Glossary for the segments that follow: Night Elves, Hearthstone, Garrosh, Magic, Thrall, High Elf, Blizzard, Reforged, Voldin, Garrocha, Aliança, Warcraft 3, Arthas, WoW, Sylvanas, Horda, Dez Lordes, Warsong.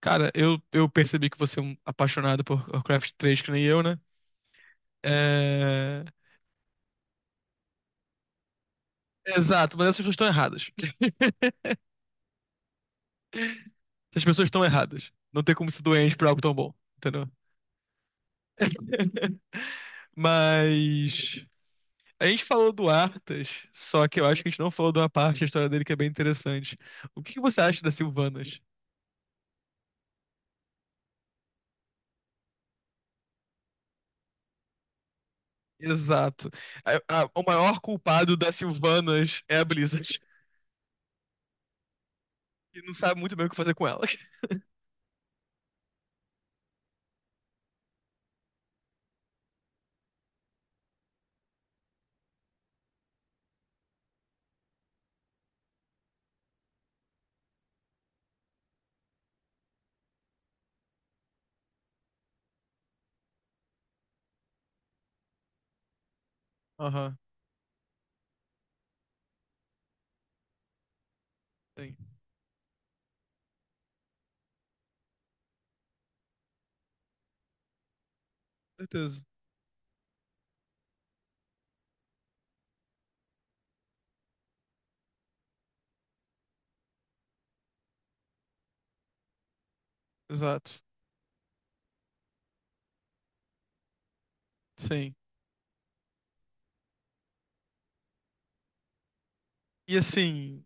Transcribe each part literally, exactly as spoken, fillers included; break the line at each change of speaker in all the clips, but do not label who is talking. Cara, eu, eu percebi que você é um apaixonado por Warcraft três, que nem eu, né? É. Exato, mas essas pessoas estão erradas. Essas pessoas estão erradas. Não tem como ser doente por algo tão bom, entendeu? Mas a gente falou do Arthas, só que eu acho que a gente não falou de uma parte da história dele que é bem interessante. O que que você acha das Sylvanas? Exato. A- a- o maior culpado das Sylvanas é a Blizzard, que não sabe muito bem o que fazer com ela. Aham, tem. Certeza. Exato. Sim. E assim,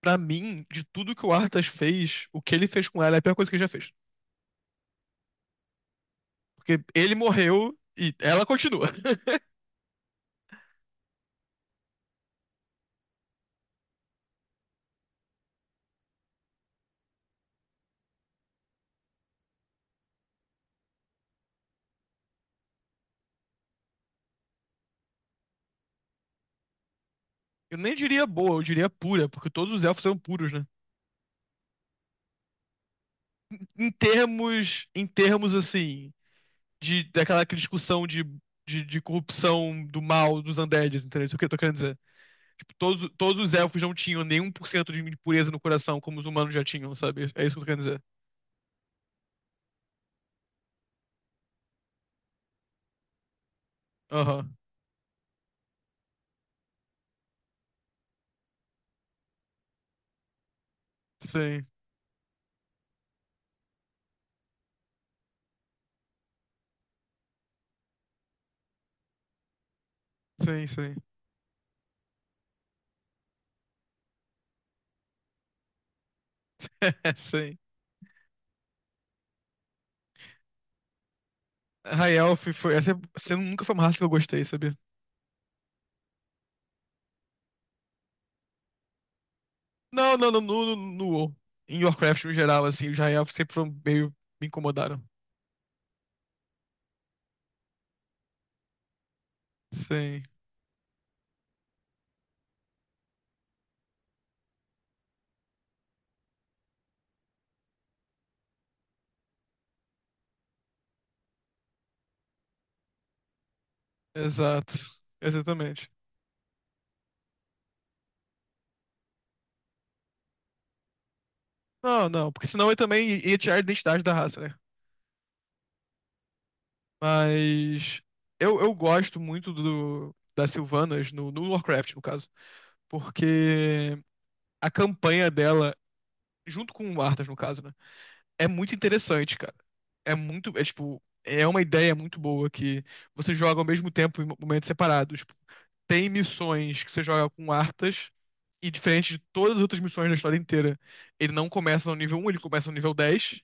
pra mim, de tudo que o Arthas fez, o que ele fez com ela é a pior coisa que ele já fez. Porque ele morreu e ela continua. Eu nem diria boa, eu diria pura, porque todos os elfos são puros, né? Em termos, em termos assim, de daquela aquela discussão de, de, de corrupção do mal dos undeads, entendeu? Isso é o que eu tô querendo dizer. Tipo, todos, todos os elfos não tinham nem um por cento de pureza no coração, como os humanos já tinham, sabe? É isso que eu tô querendo dizer. Aham. Sim, sim, sim. Sim. High Elf foi. Essa, essa nunca foi uma raça que eu gostei, sabia? Não, não, não, no, no, no WoW. Em Warcraft no geral, assim, os High Elf sempre foram meio, me incomodaram. Sim, exato. Exatamente. Não, não, porque senão eu também ia tirar a identidade da raça, né? Mas. Eu, eu gosto muito do, das Sylvanas no, no Warcraft, no caso. Porque a campanha dela, junto com o Arthas, no caso, né, é muito interessante, cara. É muito, é tipo, é uma ideia muito boa que você joga ao mesmo tempo em momentos separados. Tipo, tem missões que você joga com Arthas e diferente de todas as outras missões da história inteira, ele não começa no nível um, ele começa no nível dez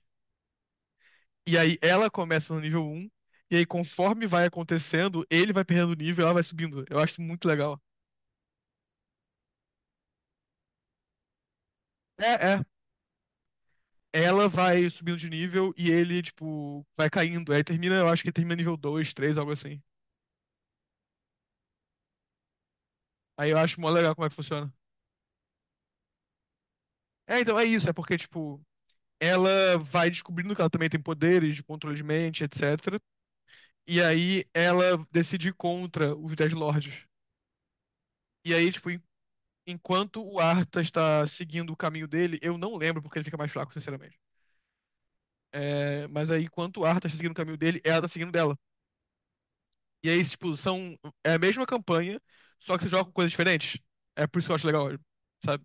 e aí ela começa no nível um e aí conforme vai acontecendo, ele vai perdendo nível, e ela vai subindo. Eu acho muito legal. É, é. Ela vai subindo de nível e ele, tipo, vai caindo. Aí termina, eu acho que termina nível dois, três, algo assim. Aí eu acho mó legal como é que funciona. É, então, é isso. É porque, tipo, ela vai descobrindo que ela também tem poderes de controle de mente, etcetera. E aí ela decide ir contra os Dez Lordes. E aí, tipo, en- enquanto o Arthas está seguindo o caminho dele, eu não lembro porque ele fica mais fraco, sinceramente. É, mas aí, enquanto o Arthas está seguindo o caminho dele, ela tá seguindo dela. E aí, tipo, são. É a mesma campanha, só que você joga com coisas diferentes. É por isso que eu acho legal, sabe?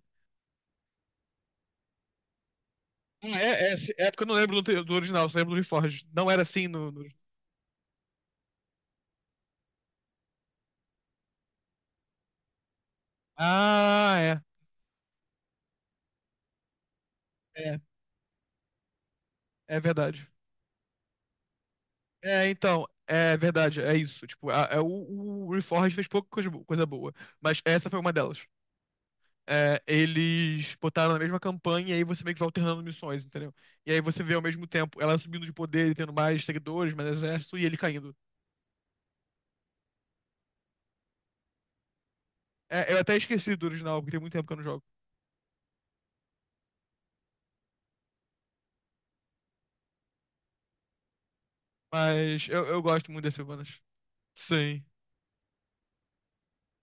Hum, É, é, é porque eu não lembro do, do original, só lembro do Reforged. Não era assim no... no... Ah, é. É verdade. É, então, é verdade, é isso. Tipo, a- é, o, o Reforged fez pouca coisa, bo- coisa boa, mas essa foi uma delas. É, eles botaram na mesma campanha e aí você meio que vai alternando missões, entendeu? E aí você vê ao mesmo tempo ela subindo de poder e tendo mais seguidores, mais exército e ele caindo. É, eu até esqueci do original, porque tem muito tempo que eu não jogo. Mas eu, eu gosto muito das Sylvanas. Sim.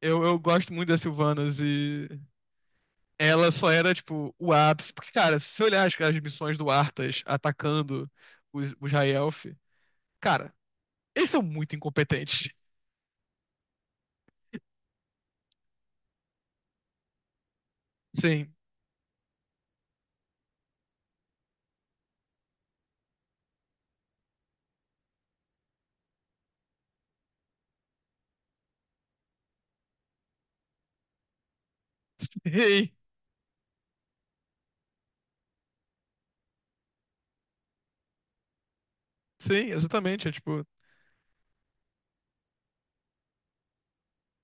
Eu, eu gosto muito das Sylvanas e ela só era, tipo, o ápice. Porque, cara, se você olhar as, as missões do Arthas atacando os, os High Elf, cara, eles são muito incompetentes. Sim. Sim, sim, exatamente. É tipo,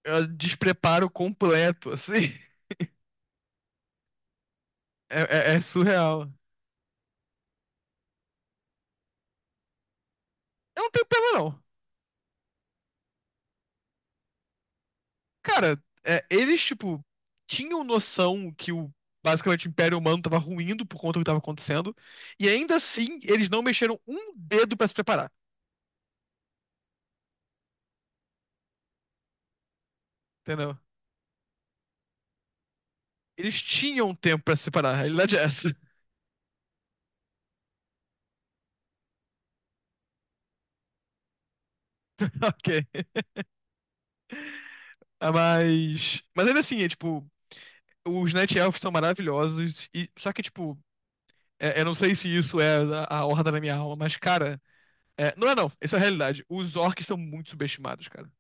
é um despreparo completo, assim. É, é- é surreal. Eu não tenho pena, não. Cara, é, eles, tipo, tinham noção que o. Basicamente, o Império Humano tava ruindo por conta do que tava acontecendo. E ainda assim, eles não mexeram um dedo pra se preparar. Entendeu? Eles tinham tempo pra se separar, a realidade é essa. Ok. Ah, Mas. Mas ainda assim, é tipo. Os Night Elves são maravilhosos. E. Só que, tipo. É- eu não sei se isso é a, a horda da minha alma, mas, cara. é, Não é, não. Isso é a realidade. Os orcs são muito subestimados, cara.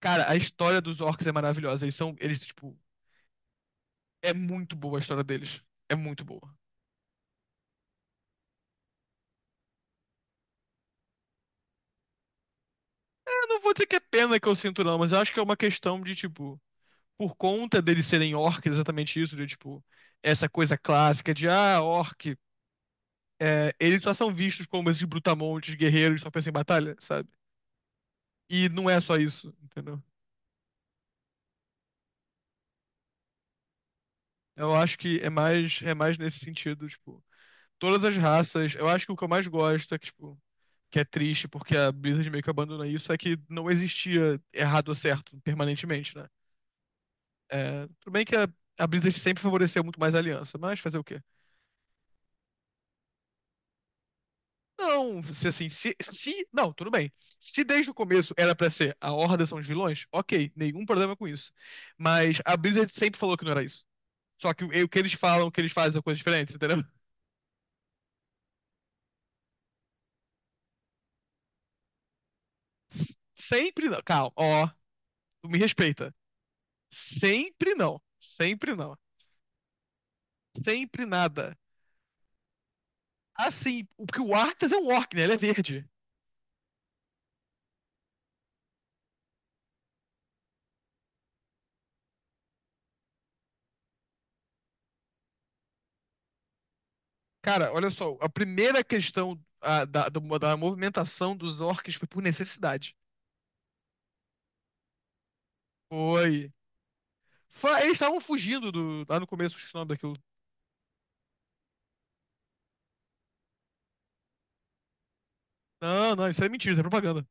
Cara, a história dos orcs é maravilhosa. Eles são. Eles, tipo. É muito boa a história deles. É muito boa. Eu não vou dizer que é pena que eu sinto, não, mas eu acho que é uma questão de, tipo. Por conta deles serem orcs, exatamente isso, de, tipo, essa coisa clássica de ah, orc é, eles só são vistos como esses brutamontes, guerreiros, só pensam em batalha, sabe? E não é só isso, entendeu? Eu acho que é mais, é mais nesse sentido, tipo, todas as raças, eu acho que o que eu mais gosto é que, tipo, que é triste porque a Blizzard meio que abandona isso, é que não existia errado ou certo permanentemente, né? É, tudo bem que a, a Blizzard sempre favoreceu muito mais a aliança, mas fazer o quê? Não, se assim, se, se. Não, tudo bem. Se desde o começo era pra ser a Horda são os vilões, ok, nenhum problema com isso. Mas a Blizzard sempre falou que não era isso. Só que o o que eles falam, o que eles fazem são coisas diferentes, entendeu? S- Sempre não. Calma, ó, tu me respeita. Sempre não. Sempre não. Sempre nada. Assim, o- porque o Arthas é um orc, né? Ele é verde. Cara, olha só, a primeira questão ah, da, do- da movimentação dos orcs foi por necessidade. Foi. Fa- Eles estavam fugindo do, lá no começo, do o nome daquilo. Não, não, isso é mentira, isso é propaganda.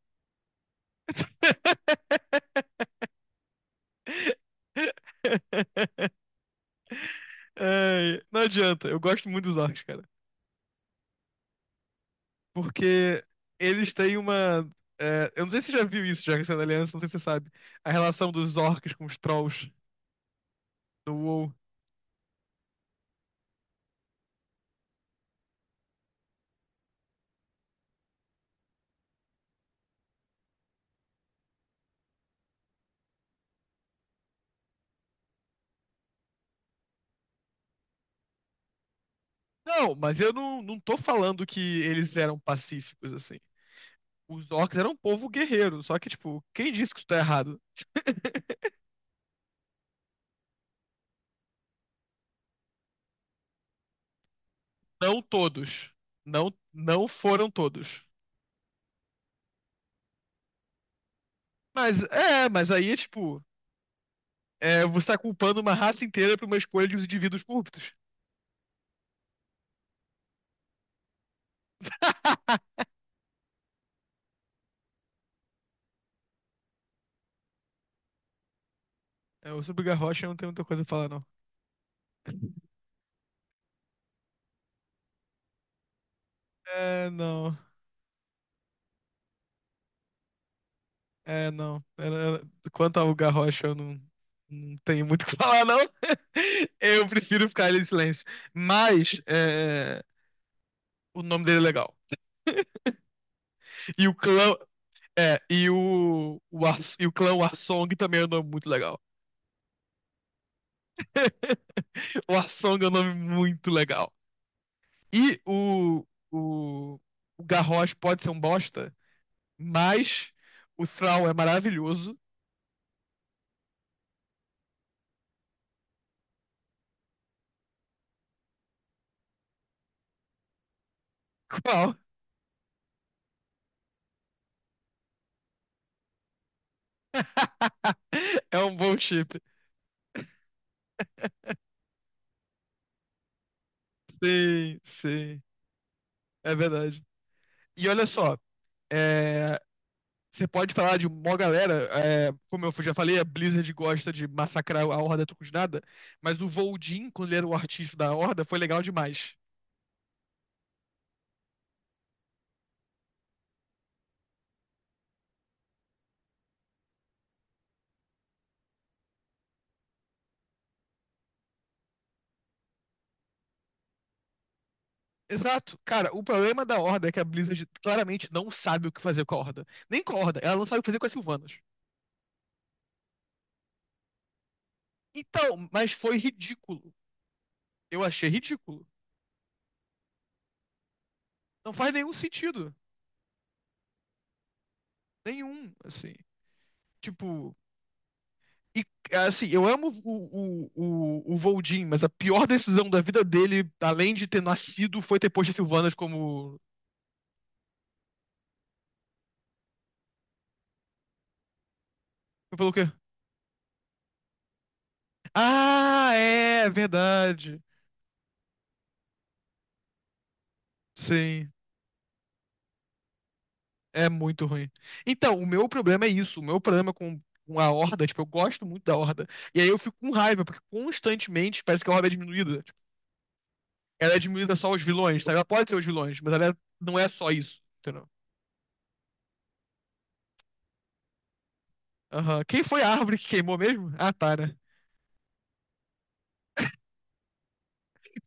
Ai, não adianta, eu gosto muito dos orcs, cara. Porque eles têm uma. É, eu não sei se você já viu isso, já que você é da Aliança, não sei se você sabe. A relação dos orcs com os trolls no WoW. Não, mas eu não, não tô falando que eles eram pacíficos, assim. Os orcs eram um povo guerreiro, só que, tipo, quem disse que isso tá errado? Não todos. Não, não foram todos. Mas é, mas aí é tipo, é, você tá culpando uma raça inteira por uma escolha de uns indivíduos corruptos. É, o sobre o Garrocha eu não tenho muita coisa a falar, não. É, não. É, não. Era- Quanto ao Garrocha, eu não, não tenho muito o que falar, não. Eu prefiro ficar ali em silêncio. Mas é, o nome dele é legal. E o clã. É, e o, o, Ars- e o clã Warsong também é um nome muito legal. O Arsong é um nome muito legal. E o, o, o Garrosh pode ser um bosta, mas o Thrall é maravilhoso. Qual? É um bom chip. Sim, sim. É verdade. E olha só, é, você pode falar de uma galera, é, como eu já falei, a Blizzard gosta de massacrar a Horda a troco de nada, mas o Voldin, quando ele era o artista da Horda, foi legal demais. Exato. Cara, o problema da Horda é que a Blizzard claramente não sabe o que fazer com a Horda. Nem com a Horda, ela não sabe o que fazer com as Sylvanas. Então, mas foi ridículo. Eu achei ridículo. Não faz nenhum sentido. Nenhum, assim. Tipo. E, assim, eu amo o, o, o, o Voldin, mas a pior decisão da vida dele, além de ter nascido, foi ter posto as Sylvanas como. Foi pelo quê? Ah, é, verdade. Sim. É muito ruim. Então, o meu problema é isso. O meu problema com, com a Horda, tipo, eu gosto muito da Horda. E aí eu fico com raiva, porque constantemente parece que a Horda é diminuída. Tipo, ela é diminuída só aos vilões, sabe? Ela pode ser os vilões, mas ela é, não é só isso, entendeu? Aham. Quem foi a árvore que queimou mesmo? Ah, tá, né?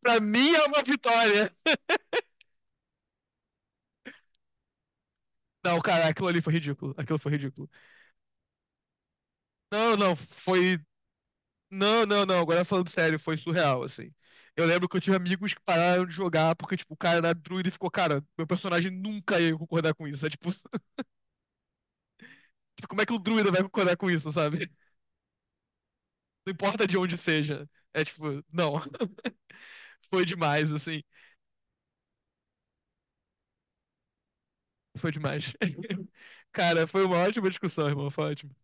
Pra mim é uma vitória. Não, cara, aquilo ali foi ridículo. Aquilo foi ridículo. Não, não, foi. Não, não, não. Agora falando sério, foi surreal, assim. Eu lembro que eu tive amigos que pararam de jogar porque, tipo, o cara era druida e ficou, cara, meu personagem nunca ia concordar com isso. É tipo, como é que o druida vai concordar com isso, sabe? Não importa de onde seja. É tipo, não. Foi demais, assim. Foi demais. Cara, foi uma ótima discussão, irmão. Foi ótimo.